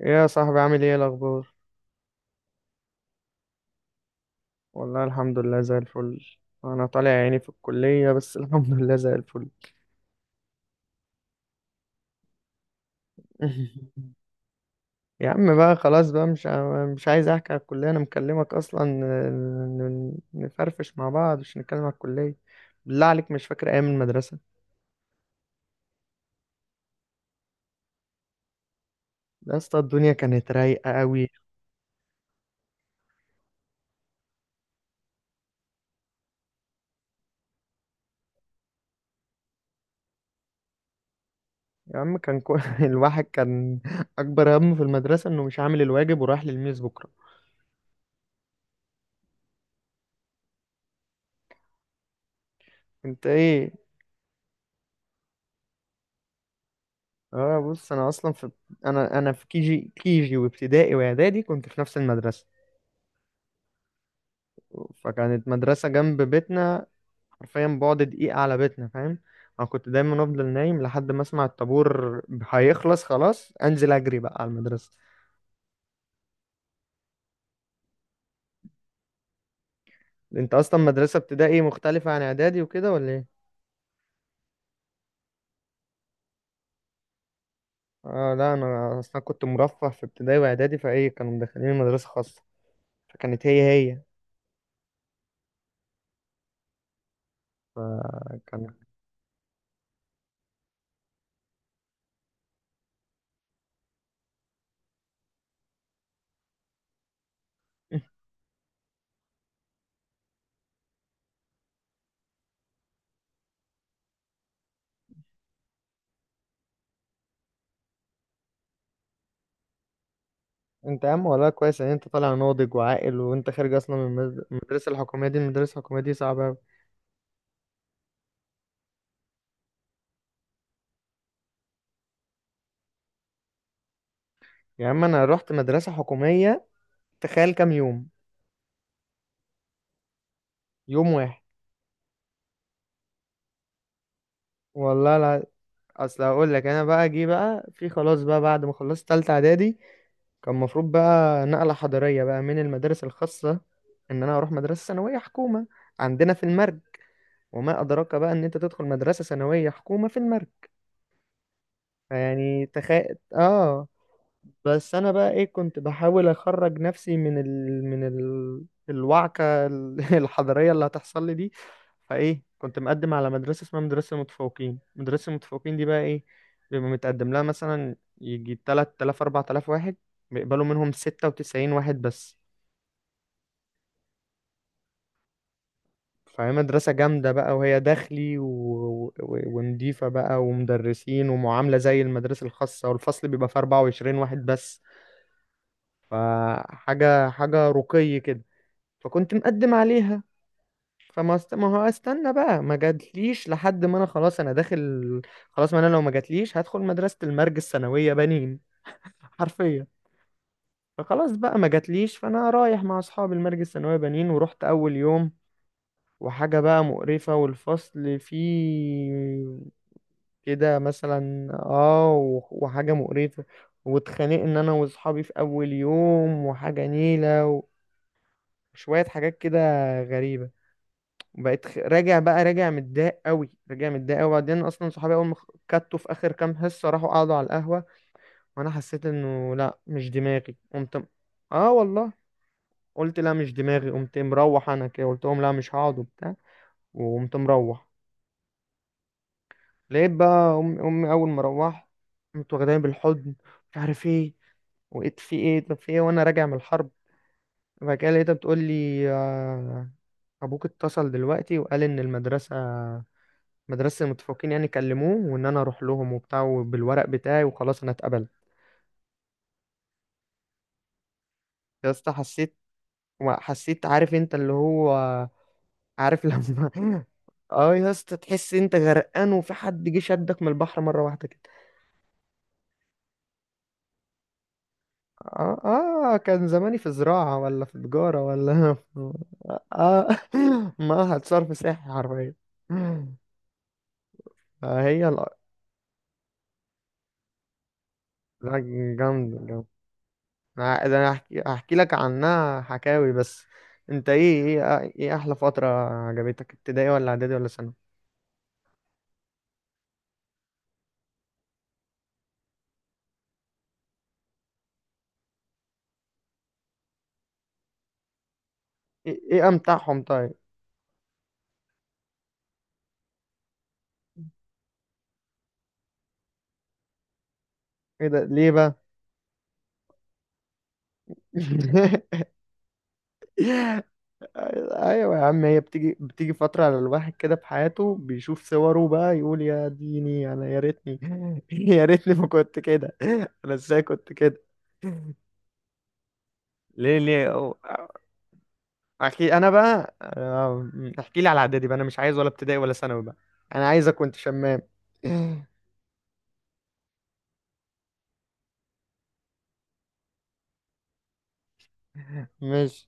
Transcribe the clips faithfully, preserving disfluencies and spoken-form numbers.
إيه يا صاحبي، عامل ايه الاخبار؟ والله الحمد لله زي الفل. انا طالع عيني في الكلية بس الحمد لله زي الفل. يا عم بقى، خلاص بقى، مش مش عايز احكي على الكلية. انا مكلمك اصلا ن- ن- نفرفش مع بعض، مش نتكلم على الكلية. بالله عليك، مش فاكر ايام المدرسة؟ يا اسطى الدنيا كانت رايقة قوي. يا عم كان كو... الواحد كان اكبر همه في المدرسة انه مش عامل الواجب ورايح للميز بكرة. انت ايه؟ اه بص، انا اصلا في انا انا في كي جي، كي جي وابتدائي واعدادي كنت في نفس المدرسه. فكانت مدرسه جنب بيتنا، حرفيا بعد دقيقه على بيتنا، فاهم؟ انا كنت دايما افضل نايم لحد ما اسمع الطابور هيخلص، خلاص انزل اجري بقى على المدرسه. انت اصلا مدرسه ابتدائي مختلفه عن اعدادي وكده ولا ايه؟ اه لا، انا اصلا كنت مرفه في ابتدائي واعدادي، فايه كانوا مدخلين مدرسه خاصه. فكانت هي، هي، فكان. انت يا عم والله كويس ان انت طالع ناضج وعاقل، وانت خارج اصلا من المد- من المدرسه الحكوميه دي. المدرسه الحكوميه دي صعبه أوي. يا عم انا رحت مدرسه حكوميه، تخيل كام يوم؟ يوم واحد. والله لا، اصل هقول لك، انا بقى جه بقى في خلاص بقى بعد ما خلصت تالتة اعدادي، كان المفروض بقى نقله حضاريه بقى من المدارس الخاصه ان انا اروح مدرسه ثانويه حكومه عندنا في المرج. وما ادراك بقى ان انت تدخل مدرسه ثانويه حكومه في المرج. فيعني تخيل، اه. بس انا بقى ايه، كنت بحاول اخرج نفسي من ال... من ال... الوعكة ال- الحضارية اللي هتحصل لي دي. فايه كنت مقدم على مدرسة اسمها مدرسة المتفوقين. مدرسة المتفوقين دي بقى ايه، بيبقى متقدم لها مثلا يجي تلت تلاف اربعة آلاف واحد، بيقبلوا منهم ستة وتسعين واحد بس. فهي مدرسة جامدة بقى، وهي داخلي و... و... ونضيفة بقى ومدرسين ومعاملة زي المدرسة الخاصة، والفصل بيبقى فيه اربعة وعشرين واحد بس. فحاجة حاجة رقي كده. فكنت مقدم عليها. فما است... ما هو استنى بقى، ما جاتليش لحد ما انا خلاص انا داخل. خلاص ما انا لو ما جاتليش هدخل مدرسة المرج الثانوية بنين. حرفيا. فخلاص بقى ما جاتليش، فانا رايح مع اصحابي المرج الثانوية بنين. ورحت اول يوم وحاجة بقى مقرفة، والفصل فيه كده مثلا اه و- وحاجة مقرفة. واتخانقنا انا واصحابي في اول يوم، وحاجة نيلة وشوية حاجات كده غريبة. وبقيت خ- راجع بقى، راجع متضايق قوي، راجع متضايق قوي. وبعدين اصلا صحابي اول ما خ- كتوا في اخر كام حصه راحوا قعدوا على القهوه. وانا حسيت انه لا مش دماغي، قمت م- اه والله. قلت لا مش دماغي، قمت مروح انا كده. قلت لهم لا مش هقعد وبتاع، وقمت مروح. لقيت بقى امي، امي اول ما روحت قمت واخداني بالحضن، مش عارف ايه. وقيت في ايه، طب في ايه، وانا راجع من الحرب. وبعد كده لقيتها بتقول لي آه، ابوك اتصل دلوقتي وقال ان المدرسه، مدرسة المتفوقين يعني كلموه وان انا اروح لهم وبتاع وبالورق بتاعي، وخلاص انا اتقبلت. يا اسطى حسيت، حسيت عارف انت اللي هو، عارف لما اه يا اسطى، تحس انت غرقان وفي حد جه شدك من البحر مرة واحدة كده. اه. اه كان زماني في زراعة، ولا في تجارة، ولا في. اه ما هتصرف سياحي حرفيا. فهي الأ- لا جامد جامد. انا ده أنا هحكي هحكي لك عنها حكاوي بس. انت ايه، ايه ايه احلى فترة عجبتك، ابتدائي ولا اعدادي ولا ثانوي؟ ايه, إيه امتعهم طيب؟ ايه ده ليه بقى؟ ايوه يا عم، هي بتيجي بتيجي فترة على الواحد كده في حياته، بيشوف صوره بقى يقول يا ديني انا يا ريتني يا ريتني ما كنت كده. انا ازاي كنت كده؟ ليه، ليه؟ احكي انا بقى آه، احكي لي على اعدادي بقى، انا مش عايز ولا ابتدائي ولا ثانوي بقى. انا عايزك كنت شمام. ماشي.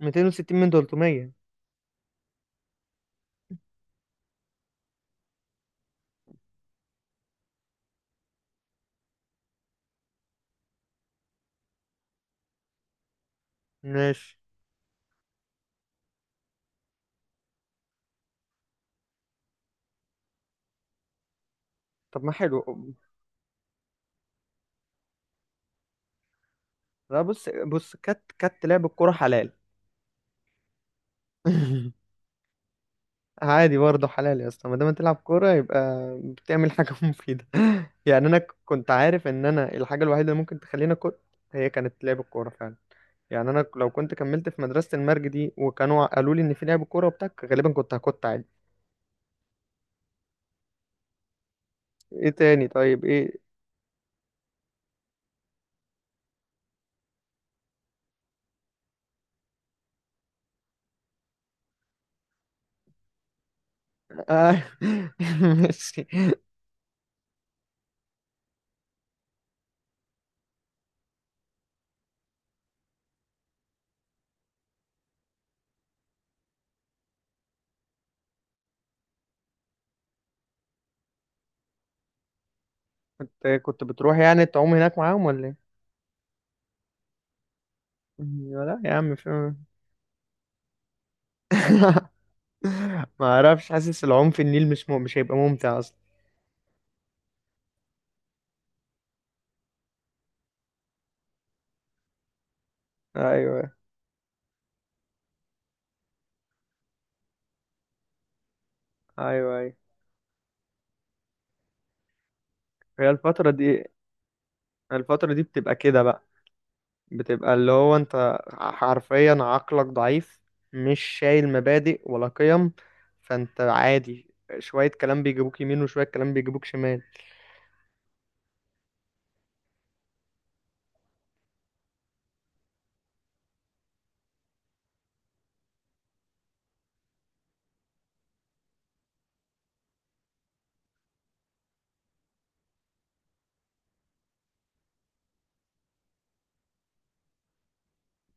ميتين وستين من ثلاثمية. ماشي. طب ما حلو. لا بص، بص، كات كات لعب الكوره حلال. عادي برضه حلال يا اسطى، ما دام تلعب كوره يبقى بتعمل حاجه مفيده. يعني انا ك- كنت عارف ان انا الحاجه الوحيده اللي ممكن تخليني كنت، هي كانت لعب الكوره فعلا. يعني انا لو كنت كملت في مدرسه المرج دي وكانوا قالوا لي ان في لعب كوره وبتاع، غالبا كنت هكت عادي. ايه تاني طيب، ايه آه، ماشي. كنت كنت بتروح يعني تعوم هناك معاهم ولا ايه؟ ايوه، لا يا عم في. ما اعرفش، حاسس العوم في النيل مش مو... مش هيبقى ممتع اصلا. ايوه، ايوه، ايوه. هي الفترة دي، الفترة دي بتبقى كده بقى، بتبقى اللي هو انت حرفيا عقلك ضعيف، مش شايل مبادئ ولا قيم. فانت عادي، شوية كلام بيجيبوك يمين وشوية كلام بيجيبوك شمال.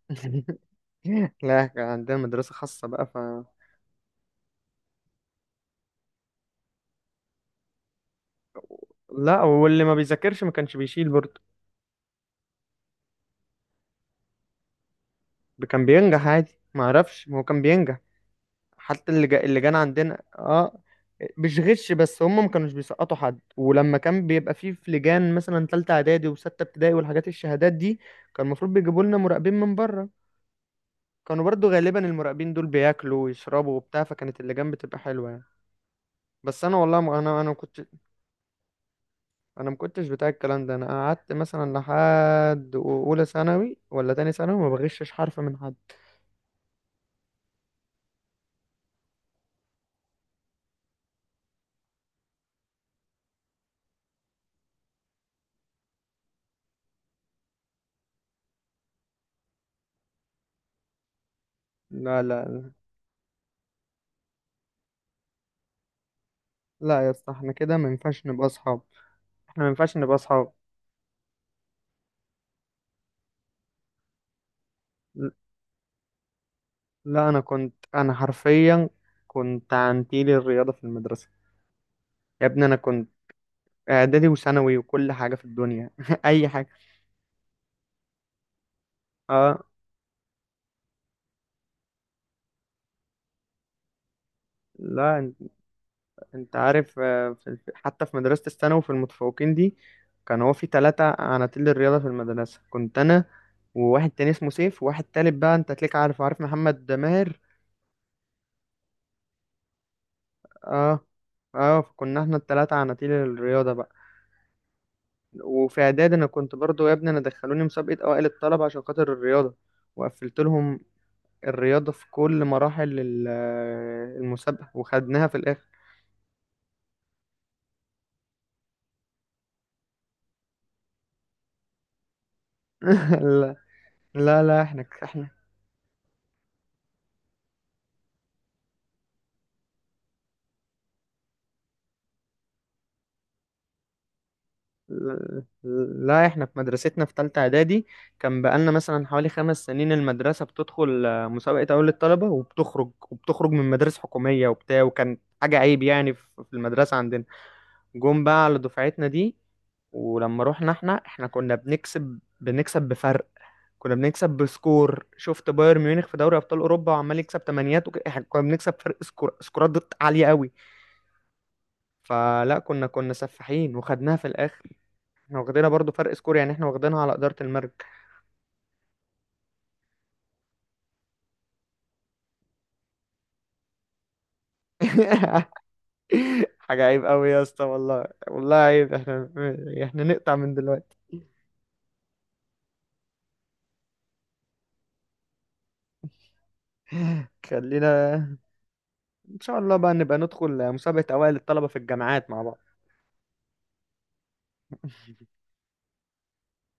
لا كان عندنا مدرسة خاصة بقى. لا واللي ما بيذاكرش ما كانش بيشيل برضه، كان بينجح عادي. ما اعرفش، ما هو كان بينجح. حتى اللي جا، اللي جانا عندنا اه، مش غش بس هم ما كانوش بيسقطوا حد. ولما كان بيبقى فيه في لجان مثلا تالتة اعدادي وستة ابتدائي والحاجات الشهادات دي، كان المفروض بيجيبوا لنا مراقبين من بره. كانوا برضو غالبا المراقبين دول بياكلوا ويشربوا وبتاع، فكانت اللجان بتبقى حلوة يعني. بس انا والله ما انا، انا ما كنت انا ما كنتش بتاع الكلام ده. انا قعدت مثلا لحد اولى ثانوي ولا تاني ثانوي ما بغشش حرف من حد. لا لا، لا يا اسطى احنا كده ما ينفعش نبقى اصحاب. احنا ما ينفعش نبقى اصحاب. ل- لا انا كنت، انا حرفيا كنت عنتيل الرياضه في المدرسه. يا ابني انا كنت اعدادي وثانوي وكل حاجه في الدنيا اي حاجه. اه لا انت، انت عارف آه، في- في- حتى في مدرسه الثانوي في المتفوقين دي، كان هو في ثلاثه عناتيل الرياضه في المدرسه كنت انا، وواحد تاني اسمه سيف، وواحد تالت بقى انت تلاقيك عارف، عارف محمد ماهر. اه. اه فكنا احنا الثلاثه عناتيل الرياضه بقى. وفي اعداد انا كنت برضو يا ابني انا دخلوني مسابقه اوائل الطلبه عشان خاطر الرياضه، وقفلت لهم الرياضه في كل مراحل ال- المسابقه، وخدناها في الاخر. لا لا، لا احنا احنا. لا لا، احنا في مدرستنا في تالتة اعدادي، كان بقالنا مثلا حوالي خمس سنين المدرسة بتدخل آه، مسابقة اول الطلبة وبتخرج وبتخرج من مدارس حكومية وبتاع، وكان حاجة عيب يعني في في المدرسة عندنا. جم بقى على دفعتنا دي، ولما رحنا احنا احنا كنا بنكسب، بنكسب بفرق، كنا بنكسب بسكور شفت بايرن ميونخ في دوري ابطال اوروبا وعمال يكسب تمانيات وك... احنا كنا بنكسب فرق سكور، سكورات ضد عاليه قوي. فلا كنا، كنا سفاحين وخدناها في الاخر. احنا واخدينها برضو فرق سكور يعني، احنا واخدينها على اداره المرج. حاجه عيب قوي يا اسطى، والله والله عيب احنا. احنا نقطع من دلوقتي. خلينا ان شاء الله بقى نبقى ندخل مسابقه اوائل الطلبه في الجامعات مع بعض.